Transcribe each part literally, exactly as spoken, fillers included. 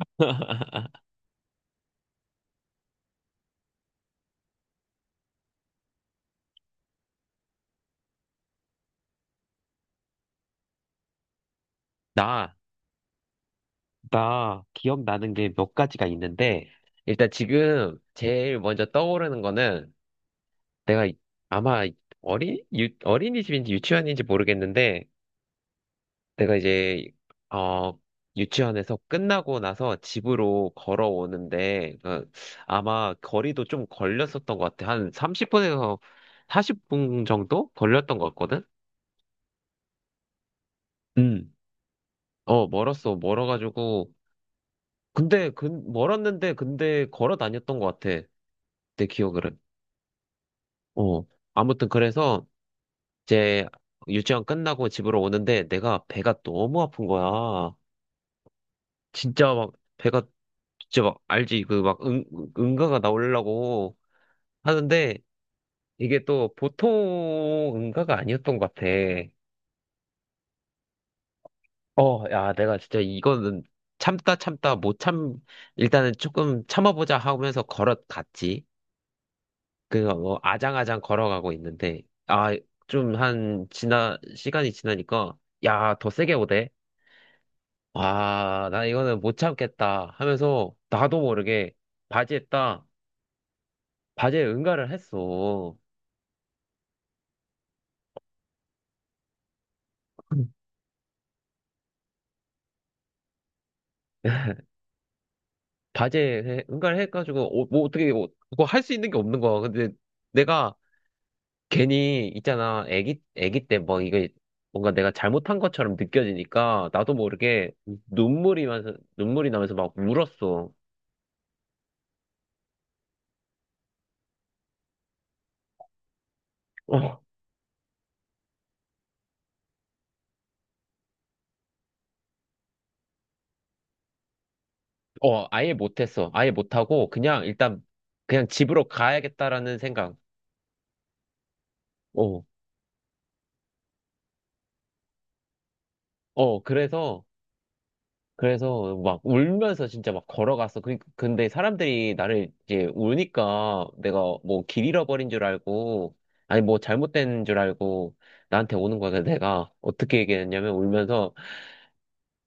나, 나 기억나는 게 몇 가지가 있는데, 일단 지금 제일 먼저 떠오르는 거는 내가 아마 어린, 유, 어린이집인지 유치원인지 모르겠는데, 내가 이제, 어, 유치원에서 끝나고 나서 집으로 걸어오는데, 그 아마 거리도 좀 걸렸었던 것 같아. 한 삼십 분에서 사십 분 정도 걸렸던 것 같거든? 음. 어, 멀었어. 멀어가지고, 근데 근 멀었는데 근데 걸어 다녔던 것 같아. 내 기억으로. 어. 아무튼 그래서 이제 유치원 끝나고 집으로 오는데 내가 배가 너무 아픈 거야. 진짜 막 배가 진짜 막 알지 그 막 응, 응가가 나오려고 하는데 이게 또 보통 응가가 아니었던 것 같아. 어, 야, 내가 진짜 이거는 참다 참다 못 참, 일단은 조금 참아보자 하면서 걸어갔지. 그래서 뭐 아장아장 걸어가고 있는데 아 좀 한 지나 시간이 지나니까 야 더 세게 오대. 아 나 이거는 못 참겠다 하면서 나도 모르게 바지에 딱 바지에 응가를 했어. 바지에 해- 응가를 해가지고 어, 뭐 어떻게 뭐 그거 할 수 있는 게 없는 거야. 근데 내가 괜히 있잖아 애기 애기 때 뭐 이거 뭔가 내가 잘못한 것처럼 느껴지니까 나도 모르게 눈물이 나면서 눈물이 나면서 막 울었어. 어, 아예 못했어. 아예 못하고, 그냥 일단, 그냥 집으로 가야겠다라는 생각. 어, 어, 그래서, 그래서 막 울면서 진짜 막 걸어갔어. 그, 근데 사람들이 나를 이제 우니까 내가 뭐 길 잃어버린 줄 알고, 아니 뭐 잘못된 줄 알고 나한테 오는 거야. 그래서 내가 어떻게 얘기했냐면 울면서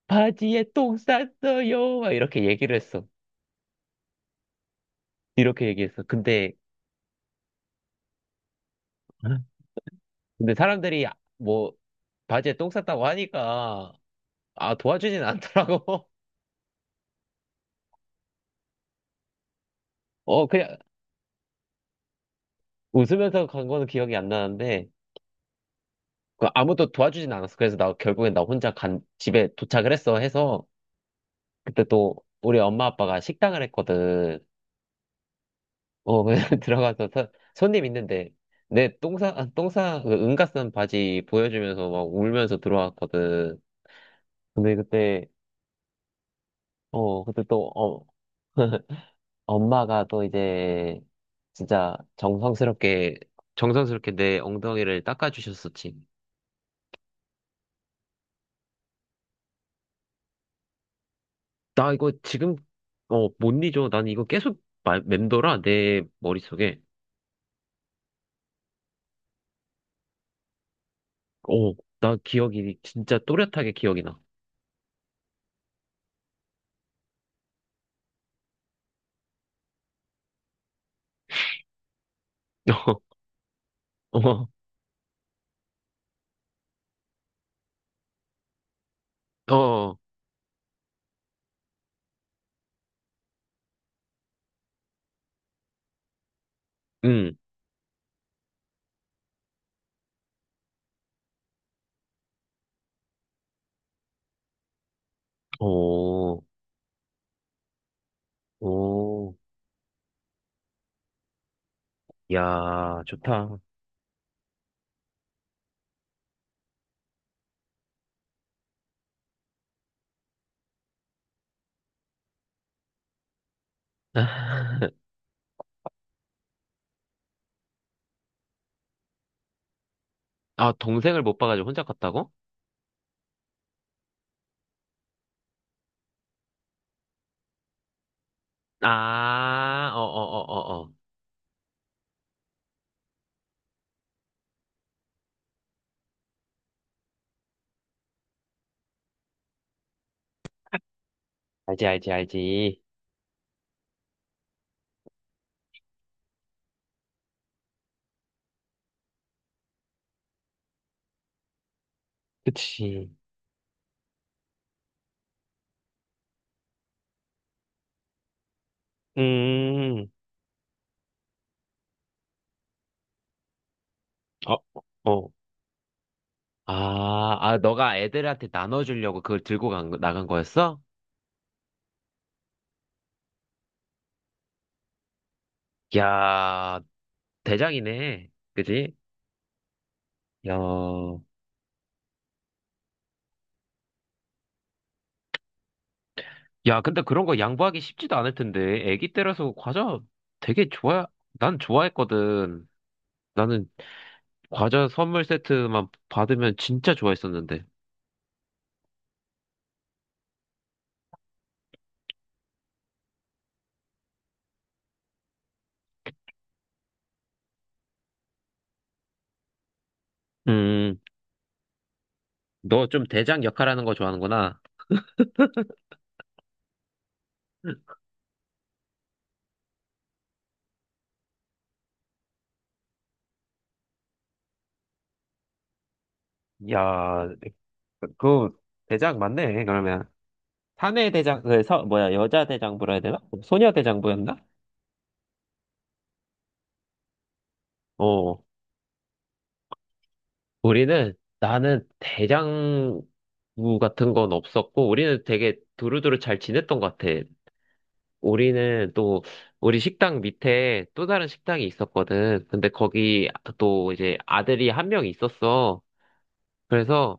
바지에 똥 쌌어요. 막 이렇게 얘기를 했어. 이렇게 얘기했어. 근데, 근데 사람들이 뭐 바지에 똥 쌌다고 하니까, 아, 도와주진 않더라고. 어, 그냥 웃으면서 간 거는 기억이 안 나는데, 그 아무도 도와주진 않았어. 그래서 나 결국엔 나 혼자 간, 집에 도착을 했어 해서, 그때 또 우리 엄마 아빠가 식당을 했거든. 어, 그냥 들어가서 서- 손님 있는데, 내 똥싸, 아, 똥싸, 그 응가 쓴 바지 보여주면서 막 울면서 들어왔거든. 근데 그때, 어, 그때 또, 어, 엄마가 또 이제, 진짜 정성스럽게, 정성스럽게 내 엉덩이를 닦아주셨었지. 나 이거 지금, 어, 못 잊어. 난 이거 계속 마- 맴돌아, 내 머릿속에. 어, 나 기억이 진짜 또렷하게 기억이 나. 어, 어, 어, 응, 어, 오, 야, 좋다. 아, 동생을 못 봐가지고 혼자 갔다고? 아, 어, 어, 어, 어, 어. 알지, 알지, 알지. 그치. 음, 어, 어. 아, 아, 너가 애들한테 나눠주려고 그걸 들고 간, 거- 나간 거였어? 야, 대장이네. 그지? 야, 야, 근데 그런 거 양보하기 쉽지도 않을 텐데. 애기 때라서 과자 되게 좋아, 난 좋아했거든. 나는 과자 선물 세트만 받으면 진짜 좋아했었는데. 음, 너 좀 대장 역할하는 거 좋아하는구나. 야, 그 대장 맞네. 그러면 사내 대장, 그 서, 뭐야, 여자 대장부라 해야 되나? 소녀 대장부였나? 어, 우리는 나는 대장부 같은 건 없었고 우리는 되게 두루두루 잘 지냈던 것 같아. 우리는 또 우리 식당 밑에 또 다른 식당이 있었거든. 근데 거기 또 이제 아들이 한 명 있었어. 그래서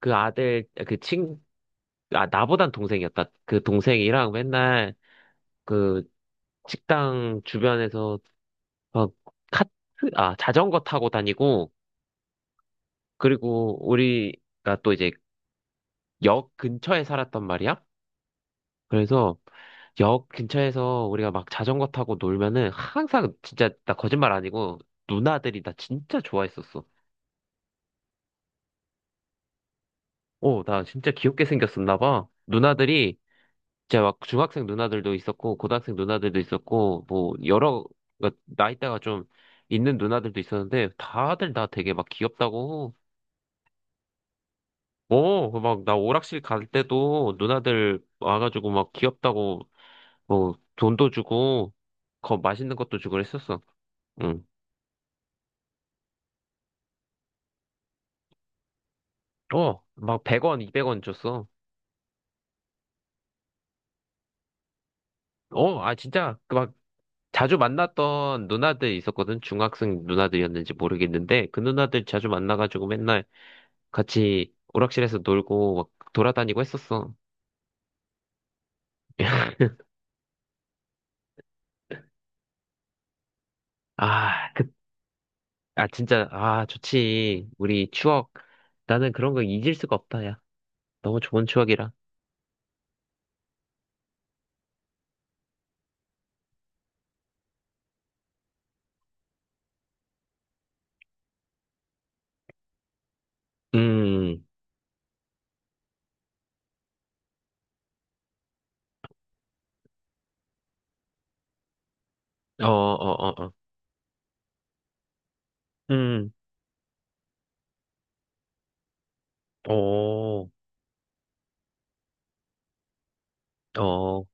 그 아들 그 친, 아 나보단 동생이었다. 그 동생이랑 맨날 그 식당 주변에서 막 카트, 아, 자전거 타고 다니고, 그리고 우리가 또 이제 역 근처에 살았단 말이야? 그래서 역 근처에서 우리가 막 자전거 타고 놀면은 항상 진짜 나 거짓말 아니고 누나들이 나 진짜 좋아했었어. 오, 나 진짜 귀엽게 생겼었나 봐. 누나들이 진짜 막 중학생 누나들도 있었고 고등학생 누나들도 있었고 뭐 여러 그 나이대가 좀 있는 누나들도 있었는데 다들 나 되게 막 귀엽다고. 어, 그 막나 오락실 갈 때도 누나들 와가지고 막 귀엽다고 뭐 돈도 주고 거 맛있는 것도 주고 그랬었어. 응. 어, 막 백 원, 이백 원 줬어. 어, 아, 진짜, 그 막, 자주 만났던 누나들 있었거든? 중학생 누나들이었는지 모르겠는데, 그 누나들 자주 만나가지고 맨날 같이 오락실에서 놀고, 막 돌아다니고 했었어. 아, 그, 아, 진짜, 아, 좋지. 우리 추억. 나는 그런 거 잊을 수가 없다, 야. 너무 좋은 추억이라. 음, 어, 어, 어, 어. 음, 오, 어.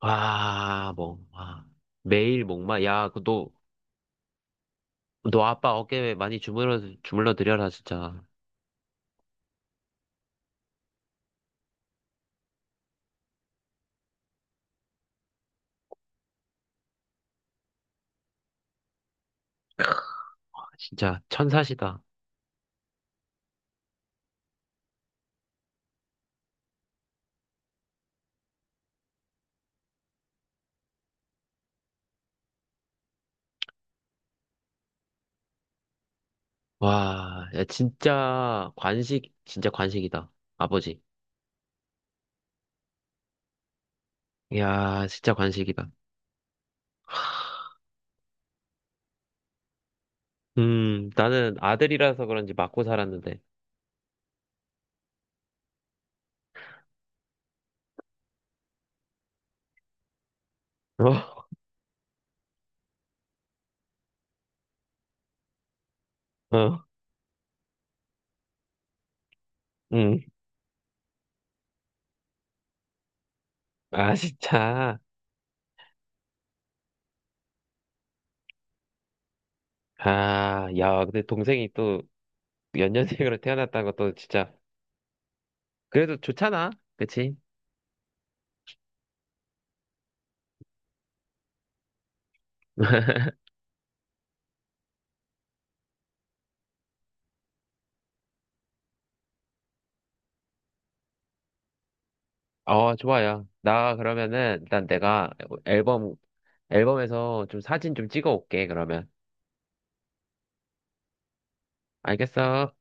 아, 뭐, 아. 매일 목마. 야, 그 너, 너 아빠 어깨에 많이 주물러, 주물러 드려라, 진짜. 진짜 천사시다. 와, 야, 진짜 관식, 진짜 관식이다. 아버지. 이야, 진짜 관식이다. 음, 나는 아들이라서 그런지 맞고 살았는데. 어, 어, 음. 아, 진짜. 아, 야, 근데 동생이 또 연년생으로 태어났다는 것도 진짜. 그래도 좋잖아. 그치? 어, 좋아요. 나 그러면은 일단 내가 앨범 앨범에서 좀 사진 좀 찍어 올게, 그러면. 알겠어?